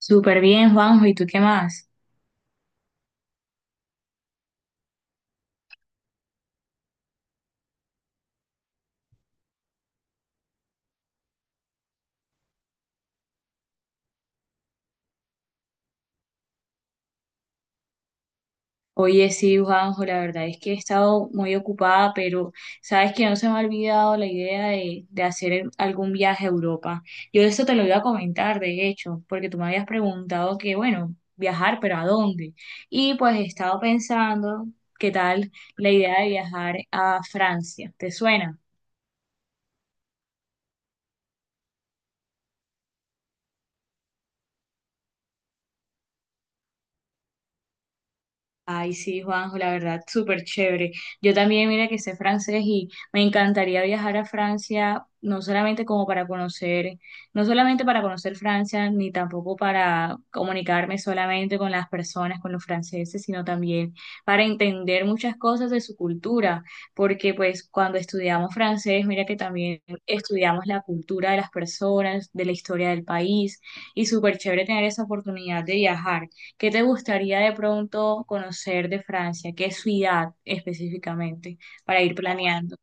Súper bien, Juanjo, ¿y tú qué más? Oye, sí, Juanjo, la verdad es que he estado muy ocupada, pero sabes que no se me ha olvidado la idea de hacer algún viaje a Europa. Yo eso te lo iba a comentar, de hecho, porque tú me habías preguntado que, bueno, viajar, pero ¿a dónde? Y pues he estado pensando, ¿qué tal la idea de viajar a Francia? ¿Te suena? Ay, sí, Juanjo, la verdad, súper chévere. Yo también, mira que sé francés y me encantaría viajar a Francia, no solamente como para conocer, no solamente para conocer Francia, ni tampoco para comunicarme solamente con las personas, con los franceses, sino también para entender muchas cosas de su cultura, porque pues cuando estudiamos francés, mira que también estudiamos la cultura de las personas, de la historia del país, y súper chévere tener esa oportunidad de viajar. ¿Qué te gustaría de pronto conocer de Francia? ¿Qué ciudad específicamente para ir planeando?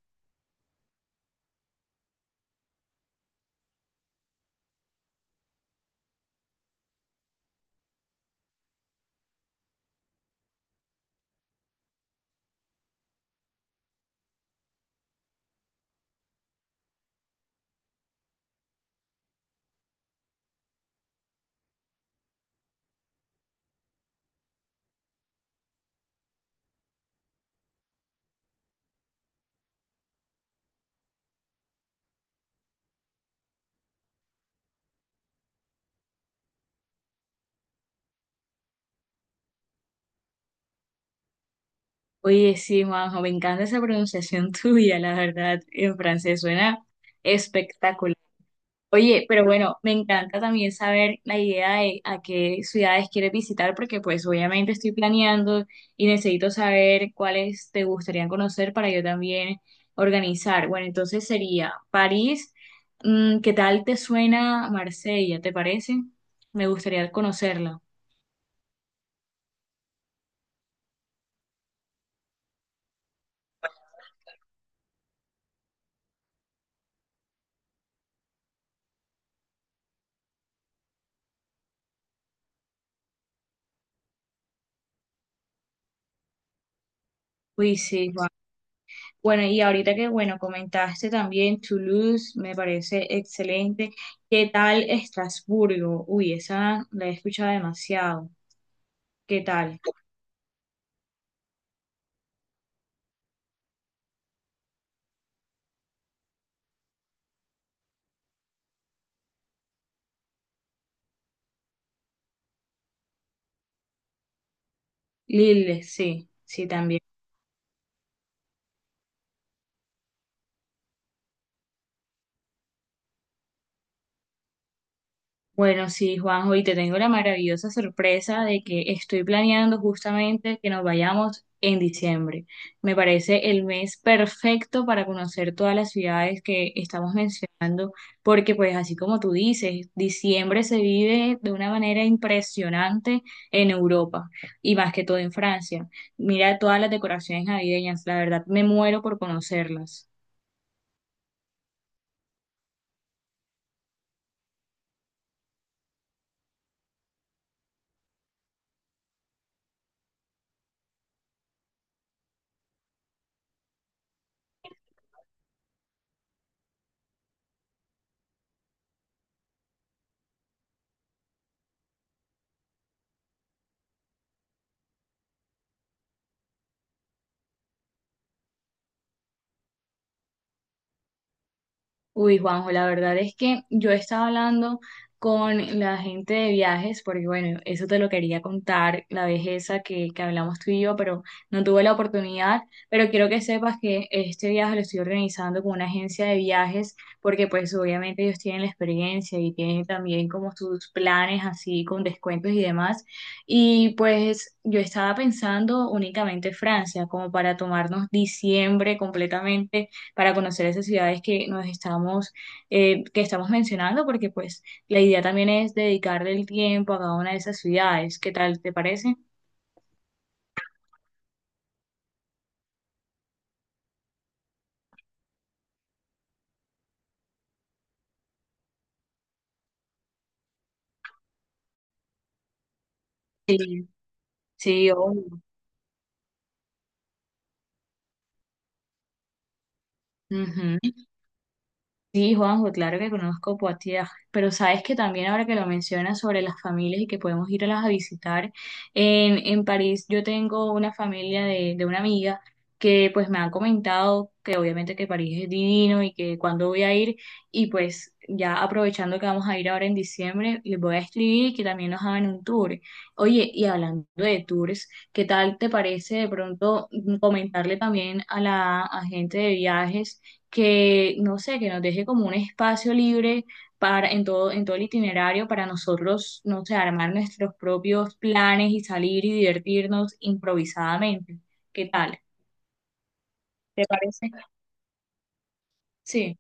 Oye, sí, Majo, me encanta esa pronunciación tuya, la verdad, en francés suena espectacular. Oye, pero bueno, me encanta también saber la idea de a qué ciudades quieres visitar, porque pues obviamente estoy planeando y necesito saber cuáles te gustaría conocer para yo también organizar. Bueno, entonces sería París. Mm, ¿qué tal te suena Marsella? ¿Te parece? Me gustaría conocerla. Uy, sí, Juan. Bueno, y ahorita que, bueno, comentaste también Toulouse, me parece excelente. ¿Qué tal Estrasburgo? Uy, esa la he escuchado demasiado. ¿Qué tal? Lil, sí, sí, también. Bueno, sí, Juanjo, y te tengo la maravillosa sorpresa de que estoy planeando justamente que nos vayamos en diciembre. Me parece el mes perfecto para conocer todas las ciudades que estamos mencionando, porque pues así como tú dices, diciembre se vive de una manera impresionante en Europa y más que todo en Francia. Mira todas las decoraciones navideñas, la verdad me muero por conocerlas. Uy, Juanjo, la verdad es que yo estaba hablando con la gente de viajes, porque bueno, eso te lo quería contar, la vez esa que hablamos tú y yo, pero no tuve la oportunidad, pero quiero que sepas que este viaje lo estoy organizando con una agencia de viajes, porque pues obviamente ellos tienen la experiencia y tienen también como sus planes así con descuentos y demás, y pues yo estaba pensando únicamente Francia, como para tomarnos diciembre completamente para conocer esas ciudades que nos estamos, que estamos mencionando, porque pues la idea también es dedicarle el tiempo a cada una de esas ciudades. ¿Qué tal te parece? Sí, sí, obvio. Ujú. Sí, Juanjo, claro que conozco Poitiers, pero sabes que también ahora que lo mencionas sobre las familias y que podemos ir a las a visitar, en París yo tengo una familia de una amiga que pues me han comentado que obviamente que París es divino y que cuando voy a ir y pues ya aprovechando que vamos a ir ahora en diciembre, les voy a escribir y que también nos hagan un tour. Oye, y hablando de tours, ¿qué tal te parece de pronto comentarle también a la a gente de viajes? Que, no sé, que nos deje como un espacio libre para, en todo el itinerario para nosotros, no sé, armar nuestros propios planes y salir y divertirnos improvisadamente. ¿Qué tal? ¿Te parece? Sí.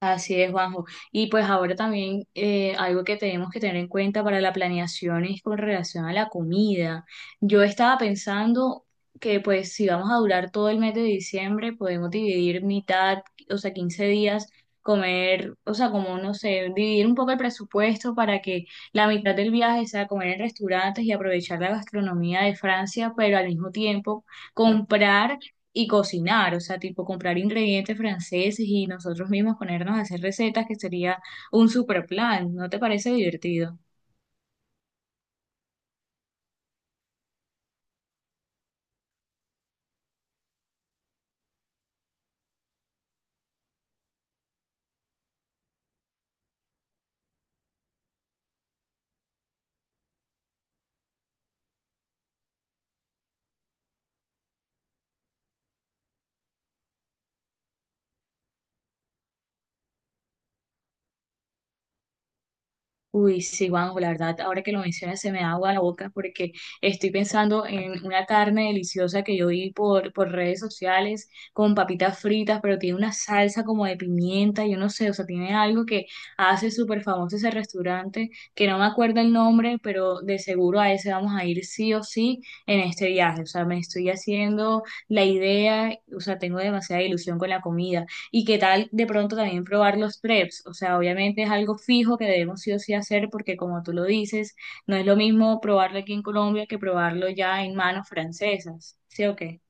Así es, Juanjo. Y pues ahora también algo que tenemos que tener en cuenta para la planeación es con relación a la comida. Yo estaba pensando que pues si vamos a durar todo el mes de diciembre, podemos dividir mitad, o sea, 15 días, comer, o sea, como no sé, dividir un poco el presupuesto para que la mitad del viaje sea comer en restaurantes y aprovechar la gastronomía de Francia, pero al mismo tiempo comprar y cocinar, o sea, tipo comprar ingredientes franceses y nosotros mismos ponernos a hacer recetas, que sería un super plan, ¿no te parece divertido? Uy, sí, Juanjo, la verdad, ahora que lo mencionas se me da agua la boca porque estoy pensando en una carne deliciosa que yo vi por redes sociales con papitas fritas, pero tiene una salsa como de pimienta, yo no sé, o sea, tiene algo que hace súper famoso ese restaurante, que no me acuerdo el nombre, pero de seguro a ese vamos a ir sí o sí en este viaje, o sea, me estoy haciendo la idea, o sea, tengo demasiada ilusión con la comida. Y qué tal de pronto también probar los preps. O sea, obviamente es algo fijo que debemos sí o sí hacer porque como tú lo dices, no es lo mismo probarlo aquí en Colombia que probarlo ya en manos francesas. ¿Sí o qué?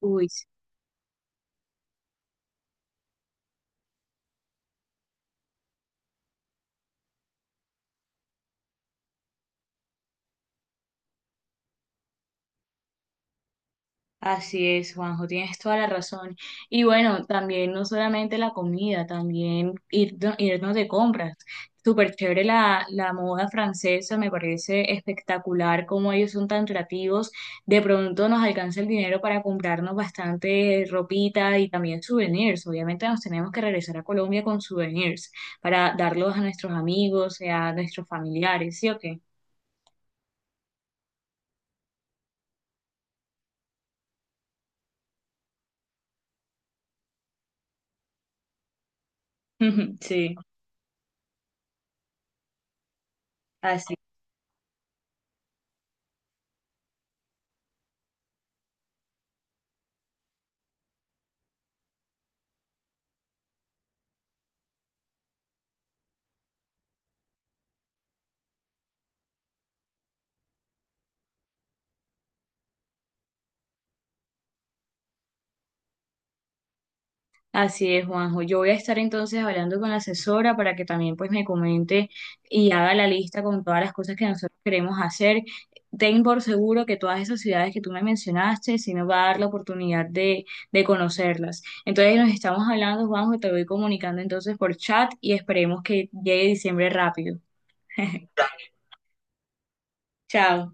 Uy, así es, Juanjo, tienes toda la razón. Y bueno, también no solamente la comida, también irnos de compras. Súper chévere la moda francesa, me parece espectacular cómo ellos son tan creativos. De pronto nos alcanza el dinero para comprarnos bastante ropita y también souvenirs. Obviamente nos tenemos que regresar a Colombia con souvenirs para darlos a nuestros amigos, a nuestros familiares, ¿sí o qué? Sí, así. Así es, Juanjo. Yo voy a estar entonces hablando con la asesora para que también pues me comente y haga la lista con todas las cosas que nosotros queremos hacer. Ten por seguro que todas esas ciudades que tú me mencionaste sí nos va a dar la oportunidad de conocerlas. Entonces nos estamos hablando, Juanjo, te voy comunicando entonces por chat y esperemos que llegue diciembre rápido. Chao.